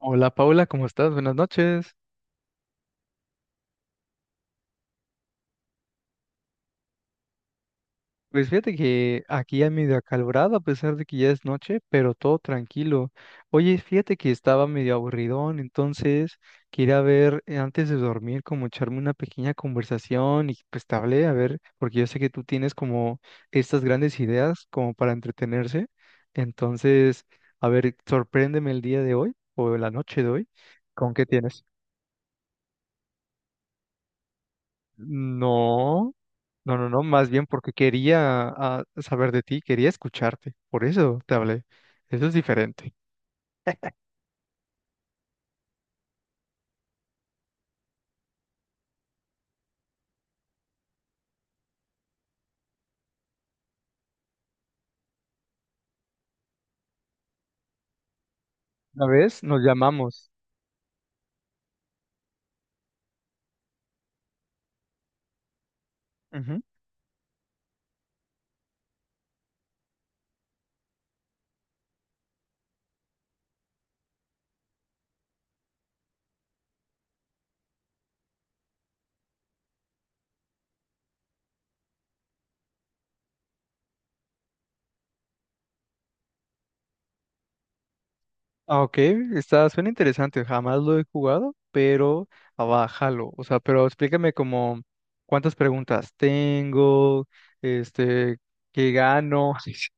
Hola Paula, ¿cómo estás? Buenas noches. Pues fíjate que aquí ya medio acalorado a pesar de que ya es noche, pero todo tranquilo. Oye, fíjate que estaba medio aburridón, entonces quería ver antes de dormir como echarme una pequeña conversación y pues te hablé, a ver, porque yo sé que tú tienes como estas grandes ideas como para entretenerse. Entonces, a ver, sorpréndeme el día de hoy o la noche de hoy. ¿Con qué tienes? No. No, no, no, más bien porque quería saber de ti, quería escucharte, por eso te hablé. Eso es diferente. Una vez nos llamamos. Ujú. Ah, ok, está, suena interesante, jamás lo he jugado, pero abájalo. O sea, pero explícame como cuántas preguntas tengo, este, qué gano. Sí, sí.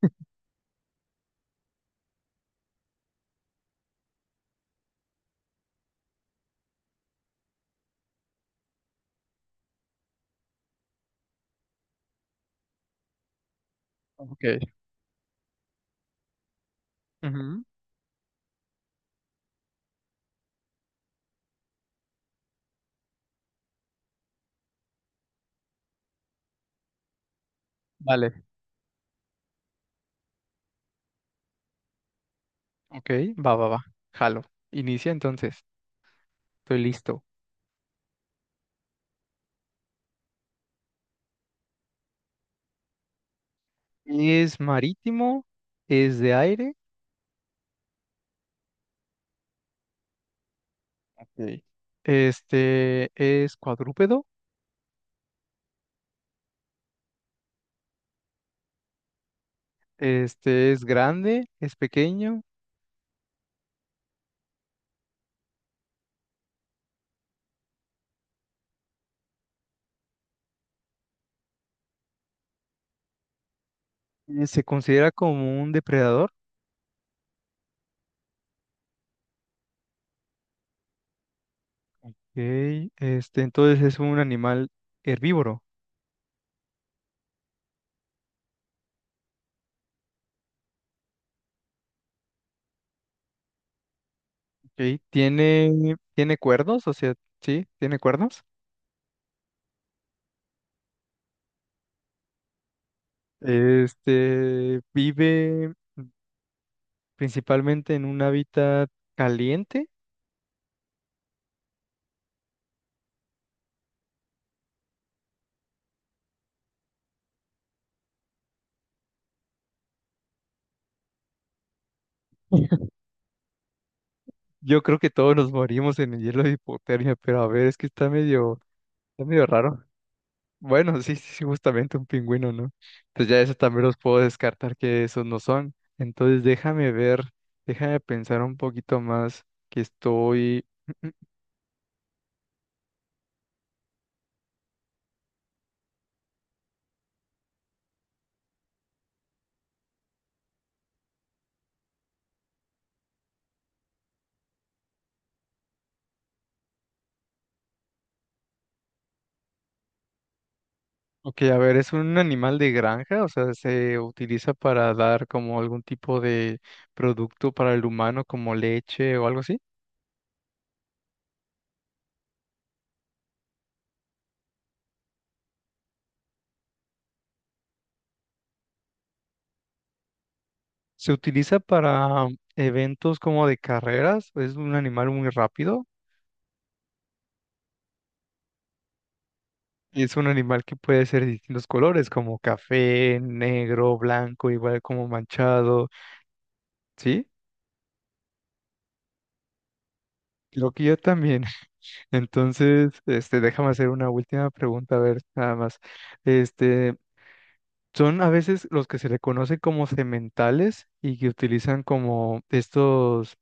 Ok, ujú. Vale, ok, va, va, va, jalo. Inicia entonces, estoy listo. ¿Es marítimo? ¿Es de aire? Ok. Este es cuadrúpedo, este es grande, es pequeño, se considera como un depredador, ok. Este, entonces es un animal herbívoro, ok. Tiene, tiene cuernos, o sea, sí, tiene cuernos. Este, vive principalmente en un hábitat caliente. Yo creo que todos nos morimos en el hielo de hipotermia, pero a ver, es que está medio raro. Bueno, sí, sí, sí, justamente un pingüino, ¿no? Entonces ya eso también los puedo descartar que esos no son. Entonces déjame ver, déjame pensar un poquito más que estoy... Ok, a ver, es un animal de granja, o sea, se utiliza para dar como algún tipo de producto para el humano, como leche o algo así. Se utiliza para eventos como de carreras, es un animal muy rápido. Y es un animal que puede ser de distintos colores, como café, negro, blanco, igual como manchado, ¿sí? Creo que yo también. Entonces, este, déjame hacer una última pregunta, a ver, nada más. Este, son a veces los que se le conocen como sementales y que utilizan como estos,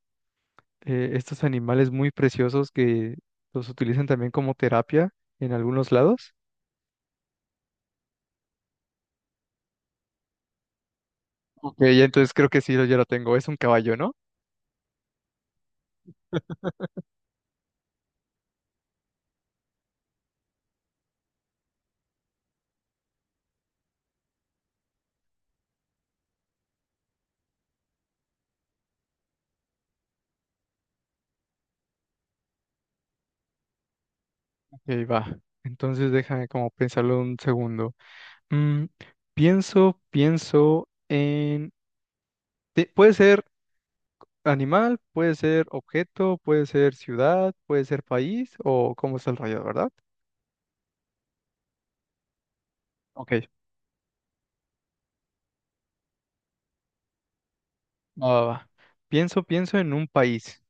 eh, estos animales muy preciosos que los utilizan también como terapia en algunos lados. Ok, ya entonces creo que sí, yo ya lo tengo. Es un caballo, ¿no? Y ahí va. Entonces déjame como pensarlo un segundo. Mm, pienso, pienso en... Puede ser animal, puede ser objeto, puede ser ciudad, puede ser país o cómo está el rayo, ¿verdad? Ok, va, va, va. Pienso, pienso en un país.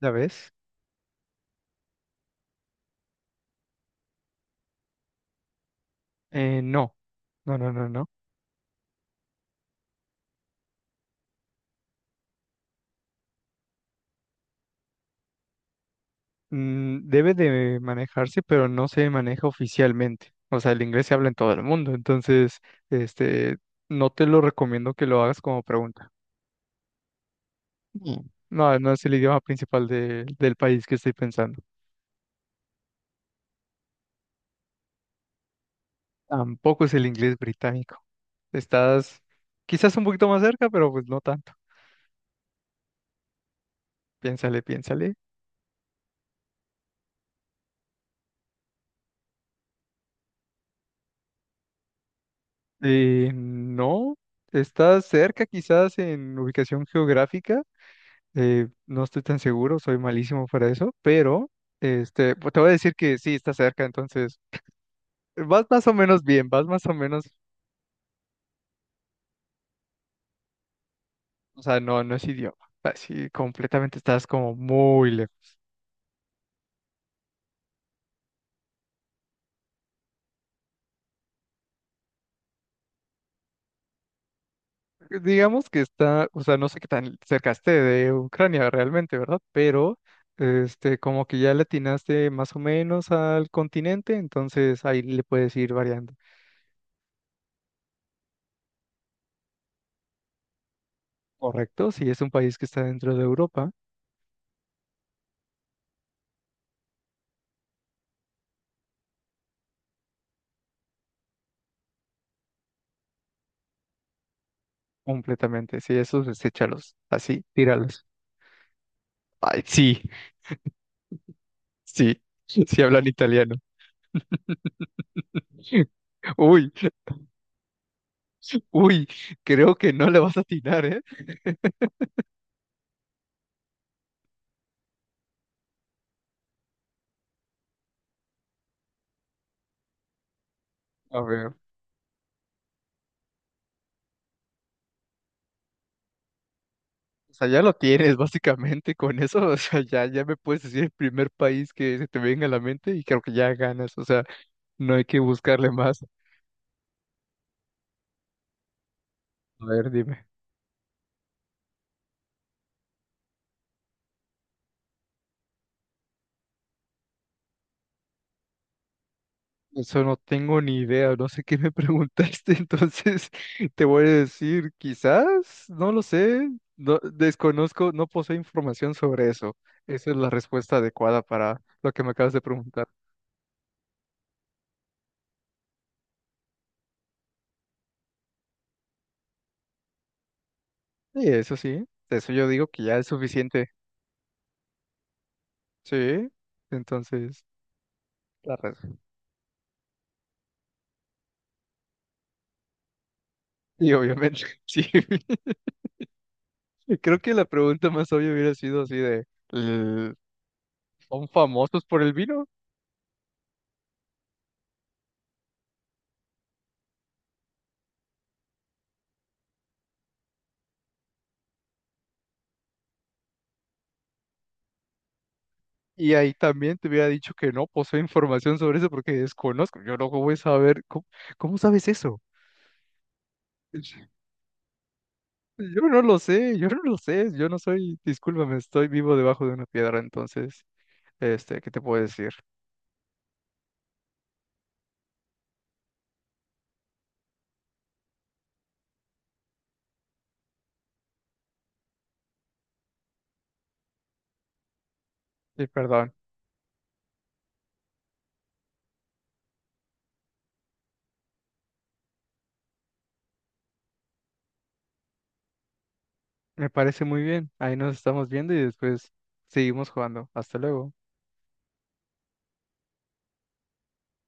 ¿Ya ves? No, no, no, no, no. Mm, debe de manejarse, pero no se maneja oficialmente. O sea, el inglés se habla en todo el mundo, entonces, este, no te lo recomiendo que lo hagas como pregunta. Mm. No, no es el idioma principal del país que estoy pensando. Tampoco es el inglés británico. Estás quizás un poquito más cerca, pero pues no tanto. Piénsale, piénsale. No, estás cerca quizás en ubicación geográfica. Eh, no estoy tan seguro, soy malísimo para eso, pero pues, te voy a decir que sí, está cerca, entonces vas más o menos bien, vas más o menos, o sea, no, no es idioma. Así completamente estás como muy lejos. Digamos que está, o sea, no sé qué tan cerca esté de Ucrania realmente, ¿verdad? Pero, como que ya le atinaste más o menos al continente, entonces ahí le puedes ir variando. Correcto, si es un país que está dentro de Europa, completamente. Si esos, deséchalos, así, tíralos. Ay, sí, sí, sí hablan italiano. Uy, uy, creo que no le vas a atinar, ¿eh? A ver. O sea, ya lo tienes básicamente con eso, o sea, ya, ya me puedes decir el primer país que se te venga a la mente y creo que ya ganas, o sea, no hay que buscarle más. A ver, dime. Eso no tengo ni idea, no sé qué me preguntaste, entonces te voy a decir, quizás, no lo sé, no, desconozco, no poseo información sobre eso. Esa es la respuesta adecuada para lo que me acabas de preguntar. Sí, eso yo digo que ya es suficiente. Sí, entonces, la res- Y obviamente, sí. Y creo que la pregunta más obvia hubiera sido así de, eh, ¿son famosos por el vino? Y ahí también te hubiera dicho que no poseo información sobre eso porque desconozco. Yo no voy a saber, ¿cómo, cómo sabes eso? Yo no lo sé, yo no lo sé, yo no soy, discúlpame, estoy vivo debajo de una piedra, entonces, ¿qué te puedo decir? Y perdón, me parece muy bien, ahí nos estamos viendo y después seguimos jugando. Hasta luego.